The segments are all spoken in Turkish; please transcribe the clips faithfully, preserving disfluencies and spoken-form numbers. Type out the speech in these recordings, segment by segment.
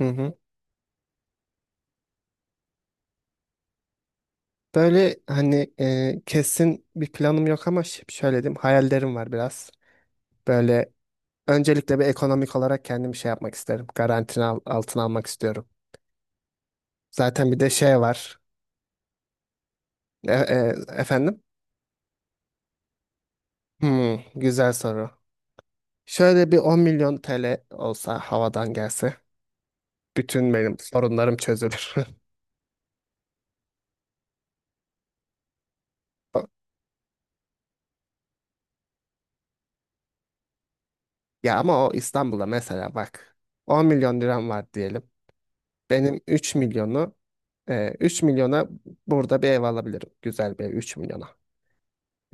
Hı hı. Böyle hani e, kesin bir planım yok ama ş- şöyle diyeyim hayallerim var biraz. Böyle öncelikle bir ekonomik olarak kendimi şey yapmak isterim. Garantini al- altına almak istiyorum. Zaten bir de şey var. E- e, efendim? Hmm, güzel soru. Şöyle bir on milyon T L olsa havadan gelse bütün benim sorunlarım çözülür. O- Ya ama o İstanbul'da mesela bak on milyon liram var diyelim. Benim üç milyonu. Ee, üç milyona burada bir ev alabilirim. Güzel bir ev üç milyona.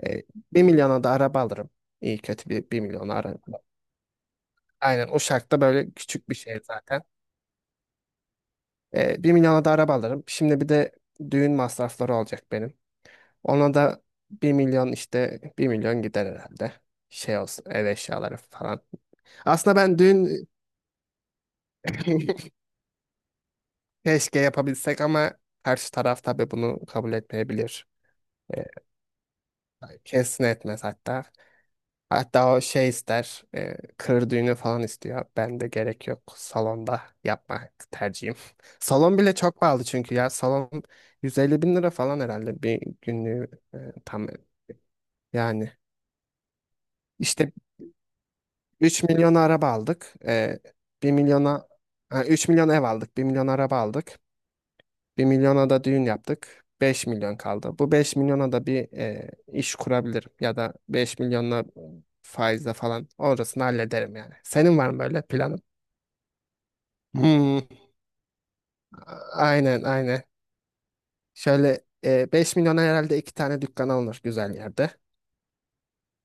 Ee, bir milyona da araba alırım. İyi kötü bir 1 milyona araba. Aynen Uşak'ta böyle küçük bir şehir zaten. Ee, bir milyona da araba alırım. Şimdi bir de düğün masrafları olacak benim. Ona da bir milyon işte bir milyon gider herhalde. Şey olsun ev eşyaları falan. Aslında ben düğün keşke yapabilsek ama karşı taraf tabii bunu kabul etmeyebilir. Ee, Kesin etmez hatta. Hatta o şey ister, e, kır düğünü falan istiyor. Ben de gerek yok. Salonda yapmak tercihim. Salon bile çok pahalı çünkü ya. Salon yüz elli bin lira falan herhalde bir günlüğü e, tam yani. İşte üç milyona araba aldık. E, bir milyona, ha, üç milyon ev aldık. Bir milyon araba aldık. Bir milyona da düğün yaptık. beş milyon kaldı. Bu beş milyona da bir e, iş kurabilirim. Ya da beş milyonla faizle falan orasını hallederim yani. Senin var mı böyle planın? Hmm, aynen aynen. Şöyle e, beş milyona herhalde iki tane dükkan alınır güzel yerde.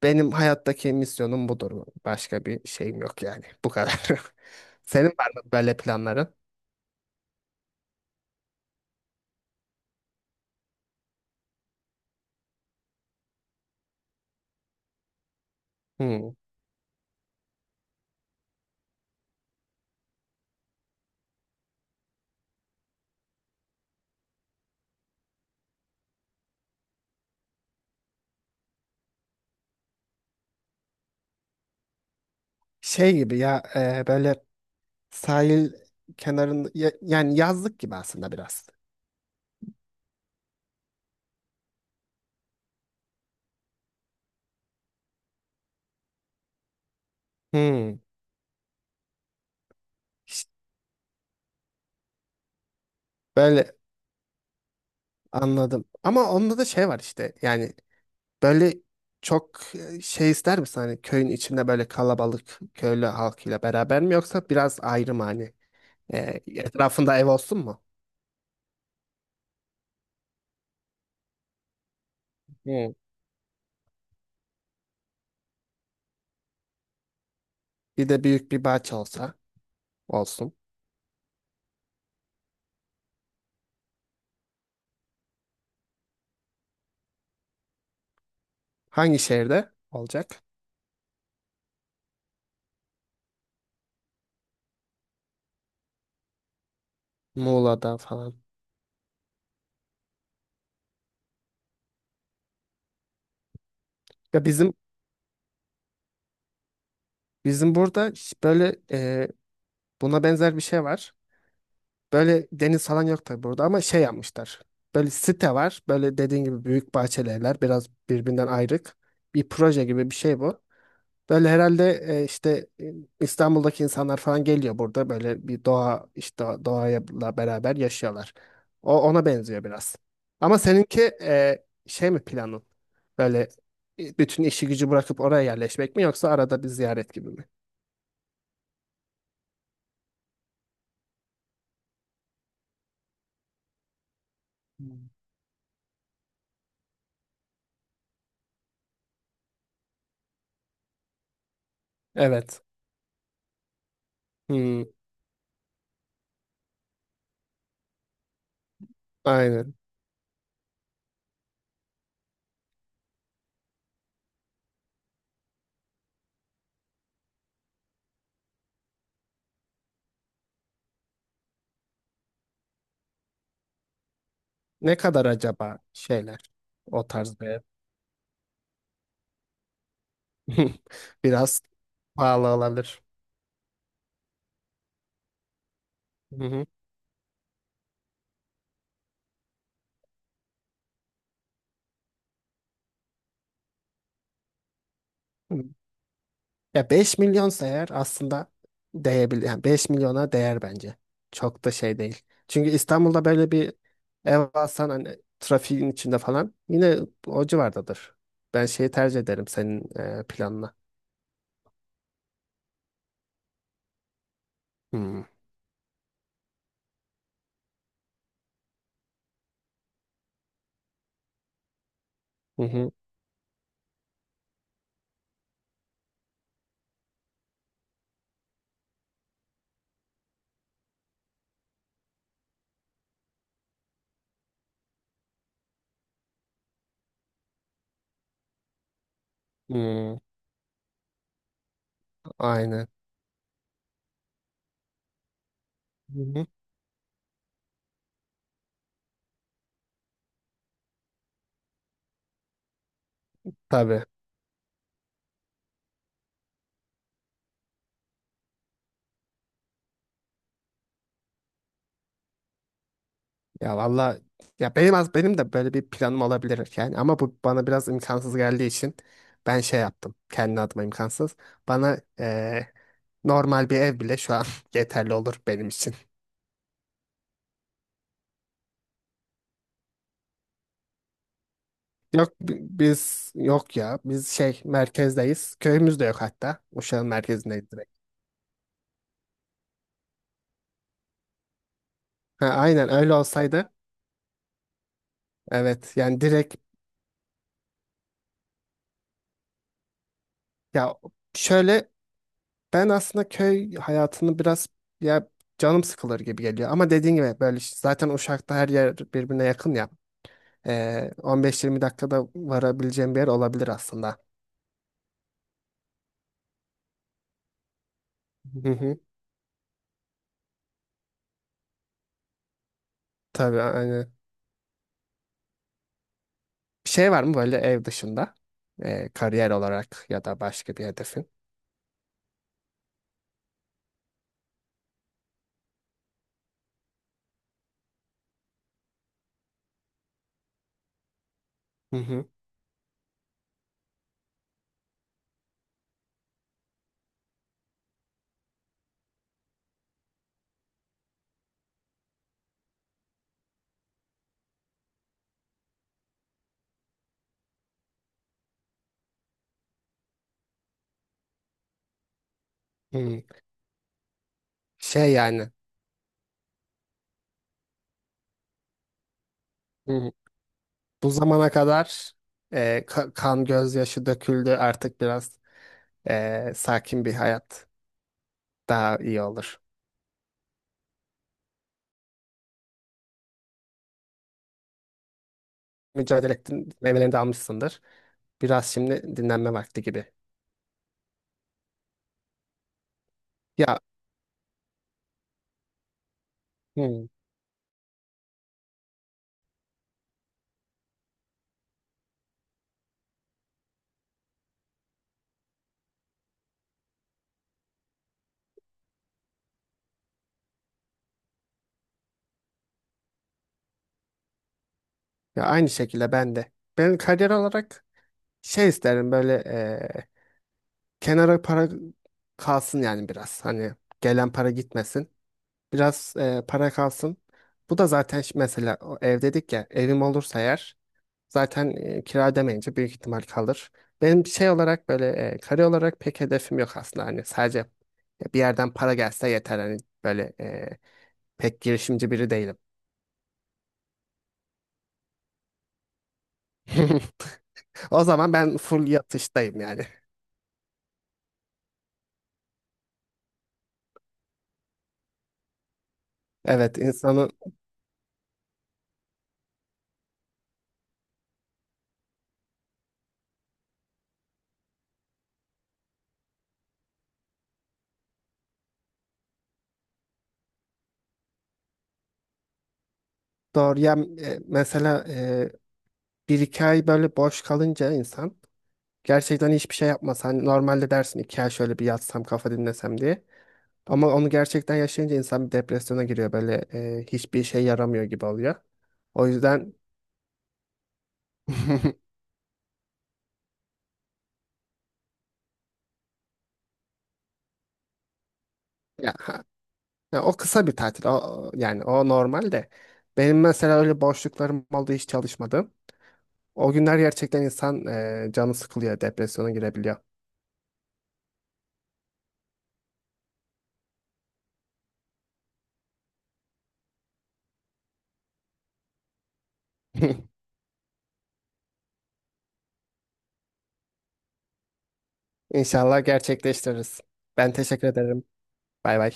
Benim hayattaki misyonum budur. Başka bir şeyim yok yani. Bu kadar. Senin var mı böyle planların? Hmm. Şey gibi ya e, böyle sahil kenarında ya- yani yazlık gibi aslında biraz. Hmm. İşte böyle anladım. Ama onda da şey var işte yani. Böyle çok e, şey ister misin hani köyün içinde böyle kalabalık köylü halkıyla beraber mi yoksa biraz ayrı mı hani? E, Etrafında ev olsun mu? Hmm. Bir de büyük bir bahçe olsa olsun. Hangi şehirde olacak? Muğla'da falan. Ya bizim bizim burada ş- böyle e, buna benzer bir şey var. Böyle deniz falan yok tabii burada ama şey yapmışlar. Böyle site var. Böyle dediğin gibi büyük bahçeli evler biraz birbirinden ayrık. Bir proje gibi bir şey bu. Böyle herhalde e, işte e, İstanbul'daki insanlar falan geliyor burada böyle bir doğa işte doğayla beraber yaşıyorlar. O ona benziyor biraz. Ama seninki e, şey mi planın? Böyle e, bütün işi gücü bırakıp oraya yerleşmek mi yoksa arada bir ziyaret gibi mi? Hmm. Evet. Hmm, aynen. Ne kadar acaba şeyler o tarz bir ev? Biraz pahalı olabilir. Hı hı. Ya beş milyonsa eğer aslında değebilir. Yani beş milyona değer bence. Çok da şey değil. Çünkü İstanbul'da böyle bir ev alsan hani trafiğin içinde falan yine o civardadır. Ben şeyi tercih ederim senin e, planına. Hmm. Hı hı. Hmm. Aynen. Hı hı. Tabii. Ya valla ya benim az benim de böyle bir planım olabilir yani ama bu bana biraz imkansız geldiği için ben şey yaptım. Kendi adıma imkansız. Bana normal bir ev bile şu an yeterli olur benim için. Yok bi- biz yok ya. Biz şey merkezdeyiz. Köyümüz de yok hatta. Uşak'ın merkezindeyiz direkt. Ha, aynen öyle olsaydı. Evet yani direkt ya şöyle ben aslında köy hayatını biraz ya canım sıkılır gibi geliyor. Ama dediğin gibi böyle işte zaten Uşak'ta her yer birbirine yakın ya. Ee, on beş, yirmi dakikada varabileceğim bir yer olabilir aslında. Hı hı. Tabii aynen. Bir şey var mı böyle ev dışında? Ee, kariyer olarak ya da başka bir hedefin? Hı hı. Hı. Şey yani hı, bu zamana kadar e, ka- kan gözyaşı döküldü artık biraz e, sakin bir hayat daha iyi olur. Mücadele ettin, meyvelerini de almışsındır. Biraz şimdi dinlenme vakti gibi. Ya. Hı. Ya aynı şekilde ben de. Ben kariyer olarak şey isterim böyle e, kenara para kalsın yani biraz. Hani gelen para gitmesin. Biraz e, para kalsın. Bu da zaten şi- mesela o ev dedik ya evim olursa eğer zaten e, kira demeyince büyük ihtimal kalır. Benim şey olarak böyle e, kare olarak pek hedefim yok aslında hani sadece bir yerden para gelse yeter hani böyle e, pek girişimci biri değilim. O zaman ben full yatıştayım yani. Evet insanı doğru ya e, mesela e, bir iki ay böyle boş kalınca insan gerçekten hiçbir şey yapmasa hani normalde dersin iki ay şöyle bir yatsam kafa dinlesem diye. Ama onu gerçekten yaşayınca insan bir depresyona giriyor. Böyle e, hiçbir işe yaramıyor gibi oluyor. O yüzden ya, ya o kısa bir tatil. O, yani o normal de. Benim mesela öyle boşluklarım oldu hiç çalışmadım. O günler gerçekten insan e, canı sıkılıyor, depresyona girebiliyor. İnşallah gerçekleştiririz. Ben teşekkür ederim. Bay bay.